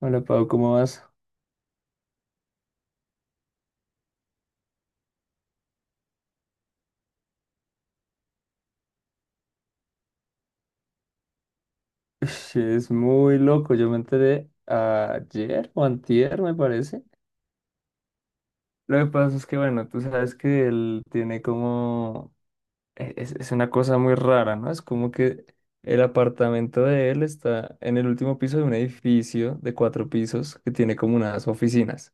Hola Pau, ¿cómo vas? Ush, es muy loco, yo me enteré ayer o antier, me parece. Lo que pasa es que, bueno, tú sabes que él tiene como... Es una cosa muy rara, ¿no? Es como que el apartamento de él está en el último piso de un edificio de cuatro pisos que tiene como unas oficinas.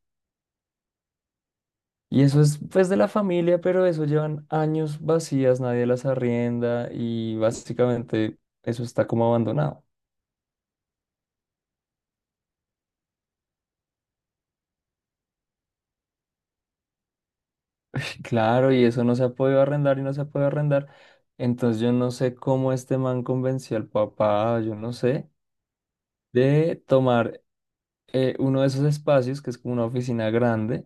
Y eso es pues de la familia, pero eso llevan años vacías, nadie las arrienda y básicamente eso está como abandonado. Claro, y eso no se ha podido arrendar y no se ha podido arrendar. Entonces yo no sé cómo este man convenció al papá, yo no sé, de tomar uno de esos espacios, que es como una oficina grande,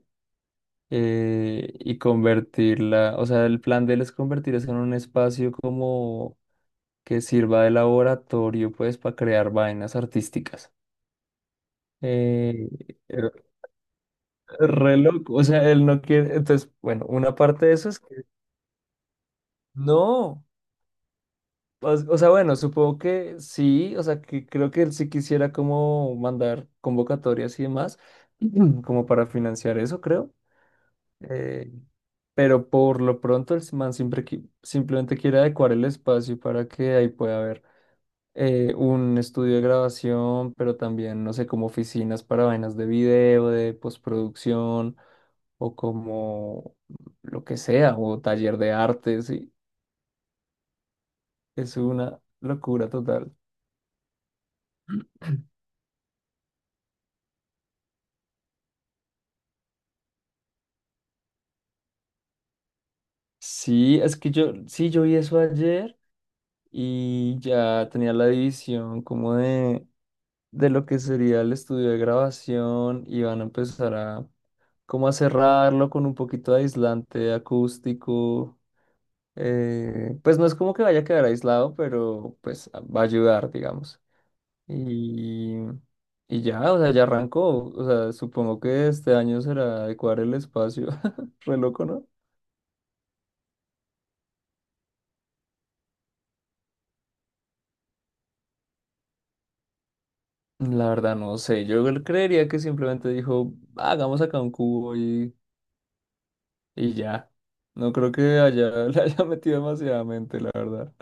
y convertirla, o sea, el plan de él es convertir eso en un espacio como que sirva de laboratorio, pues, para crear vainas artísticas. Eh, re loco, o sea, él no quiere, entonces, bueno, una parte de eso es que no. O sea, bueno, supongo que sí, o sea, que creo que él sí quisiera como mandar convocatorias y demás, como para financiar eso, creo. Eh, pero por lo pronto el man siempre, simplemente quiere adecuar el espacio para que ahí pueda haber un estudio de grabación, pero también, no sé, como oficinas para vainas de video, de postproducción, o como lo que sea, o taller de arte, sí. Es una locura total. Sí, es que yo, sí, yo vi eso ayer y ya tenía la división como de lo que sería el estudio de grabación y van a empezar a como a cerrarlo con un poquito de aislante acústico. Pues no es como que vaya a quedar aislado, pero pues va a ayudar, digamos. Y, y ya, o sea, ya arrancó. O sea, supongo que este año será adecuar el espacio. Re loco, ¿no? La verdad no sé, creería que simplemente dijo, hagamos acá un cubo y ya. No creo que haya, le haya metido demasiadamente, la verdad.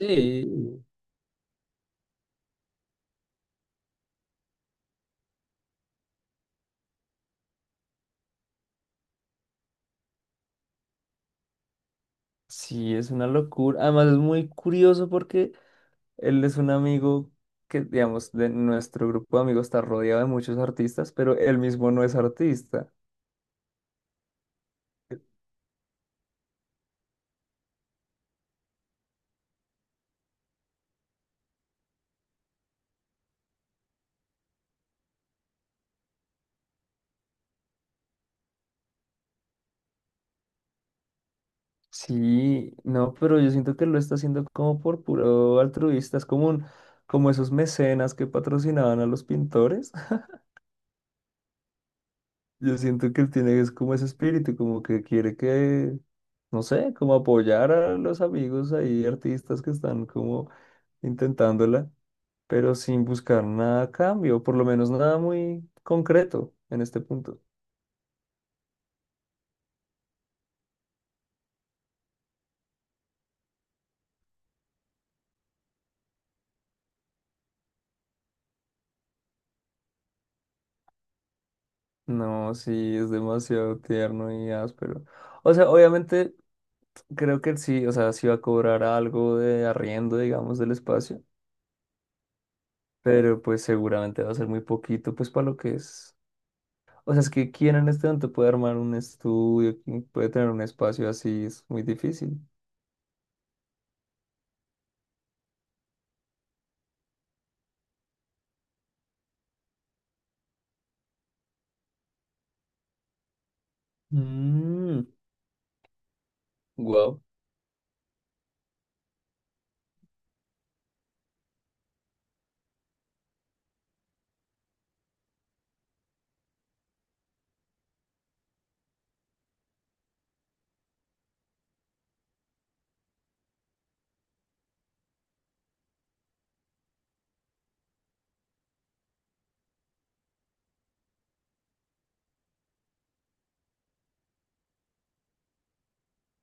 Sí. Sí, es una locura. Además es muy curioso porque él es un amigo que, digamos, de nuestro grupo de amigos está rodeado de muchos artistas, pero él mismo no es artista. Sí, no, pero yo siento que lo está haciendo como por puro altruista, es como un, como esos mecenas que patrocinaban a los pintores. Yo siento que él tiene es como ese espíritu, como que quiere que, no sé, como apoyar a los amigos ahí, artistas que están como intentándola, pero sin buscar nada a cambio, por lo menos nada muy concreto en este punto. No, sí, es demasiado tierno y áspero. O sea, obviamente creo que él sí, o sea, sí va a cobrar algo de arriendo, digamos, del espacio, pero pues seguramente va a ser muy poquito, pues para lo que es. O sea, es que quién en este momento puede armar un estudio, quién puede tener un espacio así, es muy difícil. Mm. Wow.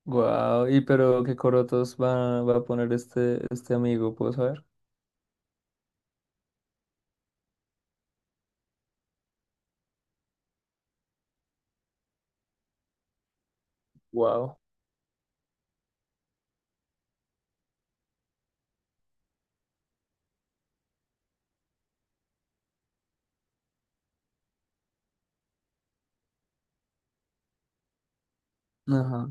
Wow. Y pero qué corotos va, va a poner este, este amigo, ¿puedo saber? Wow. Ajá.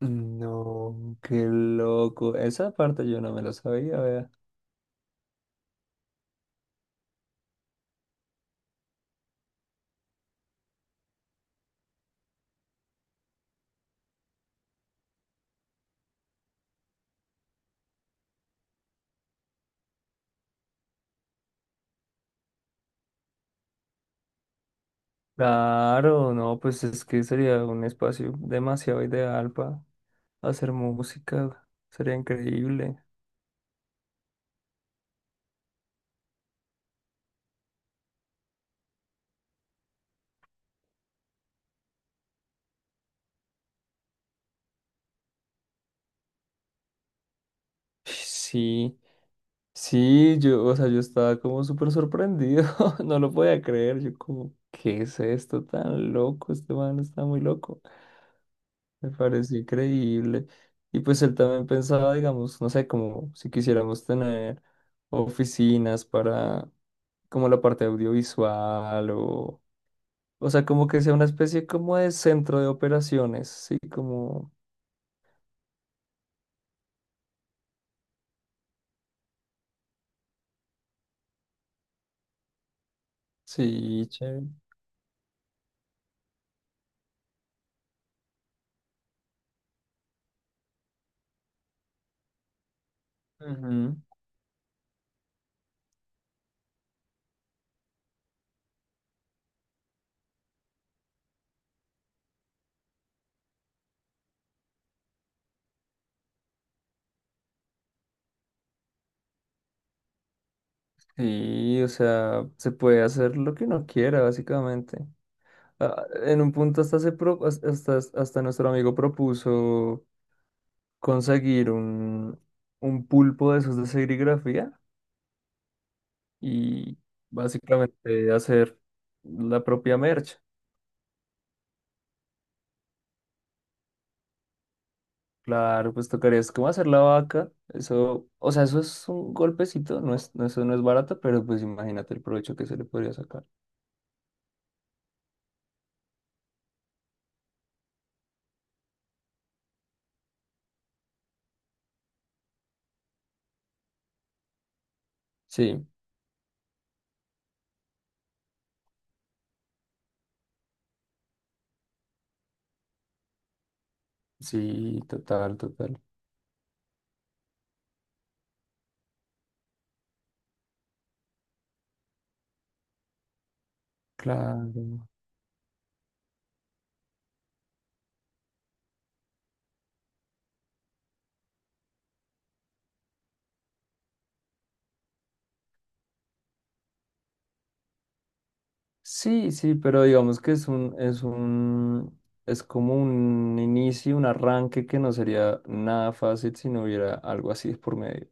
No, qué loco. Esa parte yo no me la sabía, vea. Claro, no, pues es que sería un espacio demasiado ideal para hacer música. Sería increíble. Sí. Sí, yo, o sea, yo estaba como súper sorprendido, no lo podía creer, yo como, ¿qué es esto tan loco? Este man está muy loco, me pareció increíble. Y pues él también pensaba, digamos, no sé, como si quisiéramos tener oficinas para como la parte audiovisual o sea, como que sea una especie como de centro de operaciones, sí, como, sí, chévere. Ujú. Sí, o sea, se puede hacer lo que uno quiera, básicamente. Ah, en un punto hasta, hasta, hasta nuestro amigo propuso conseguir un pulpo de esos de serigrafía y básicamente hacer la propia merch. Claro, pues tocaría es como hacer la vaca. Eso, o sea, eso es un golpecito, no es, no, eso no es barato, pero pues imagínate el provecho que se le podría sacar. Sí, sí, total, total. Claro. Sí, sí, pero digamos que es un, es un, es como un inicio, un arranque que no sería nada fácil si no hubiera algo así por medio.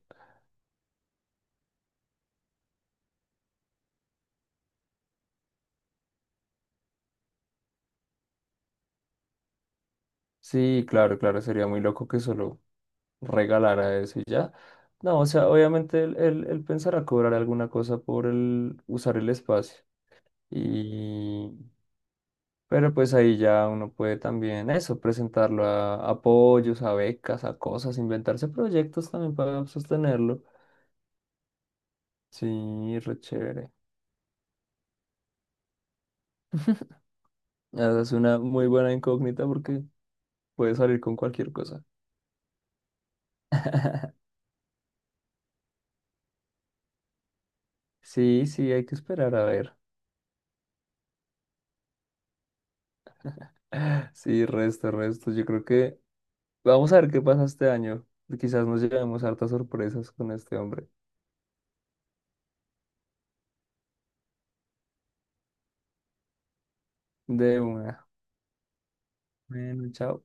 Sí, claro, claro, sería muy loco que solo regalara eso y ya. No, o sea, obviamente él, él, él pensará cobrar alguna cosa por el usar el espacio. Y, pero pues ahí ya uno puede también eso, presentarlo a apoyos, a becas, a cosas, inventarse proyectos también para sostenerlo. Sí, re chévere. Esa es una muy buena incógnita porque puede salir con cualquier cosa. Sí, sí, hay que esperar a ver. Sí, resto, resto. Yo creo que vamos a ver qué pasa este año. Quizás nos llevemos hartas sorpresas con este hombre. De una. Bueno, chao.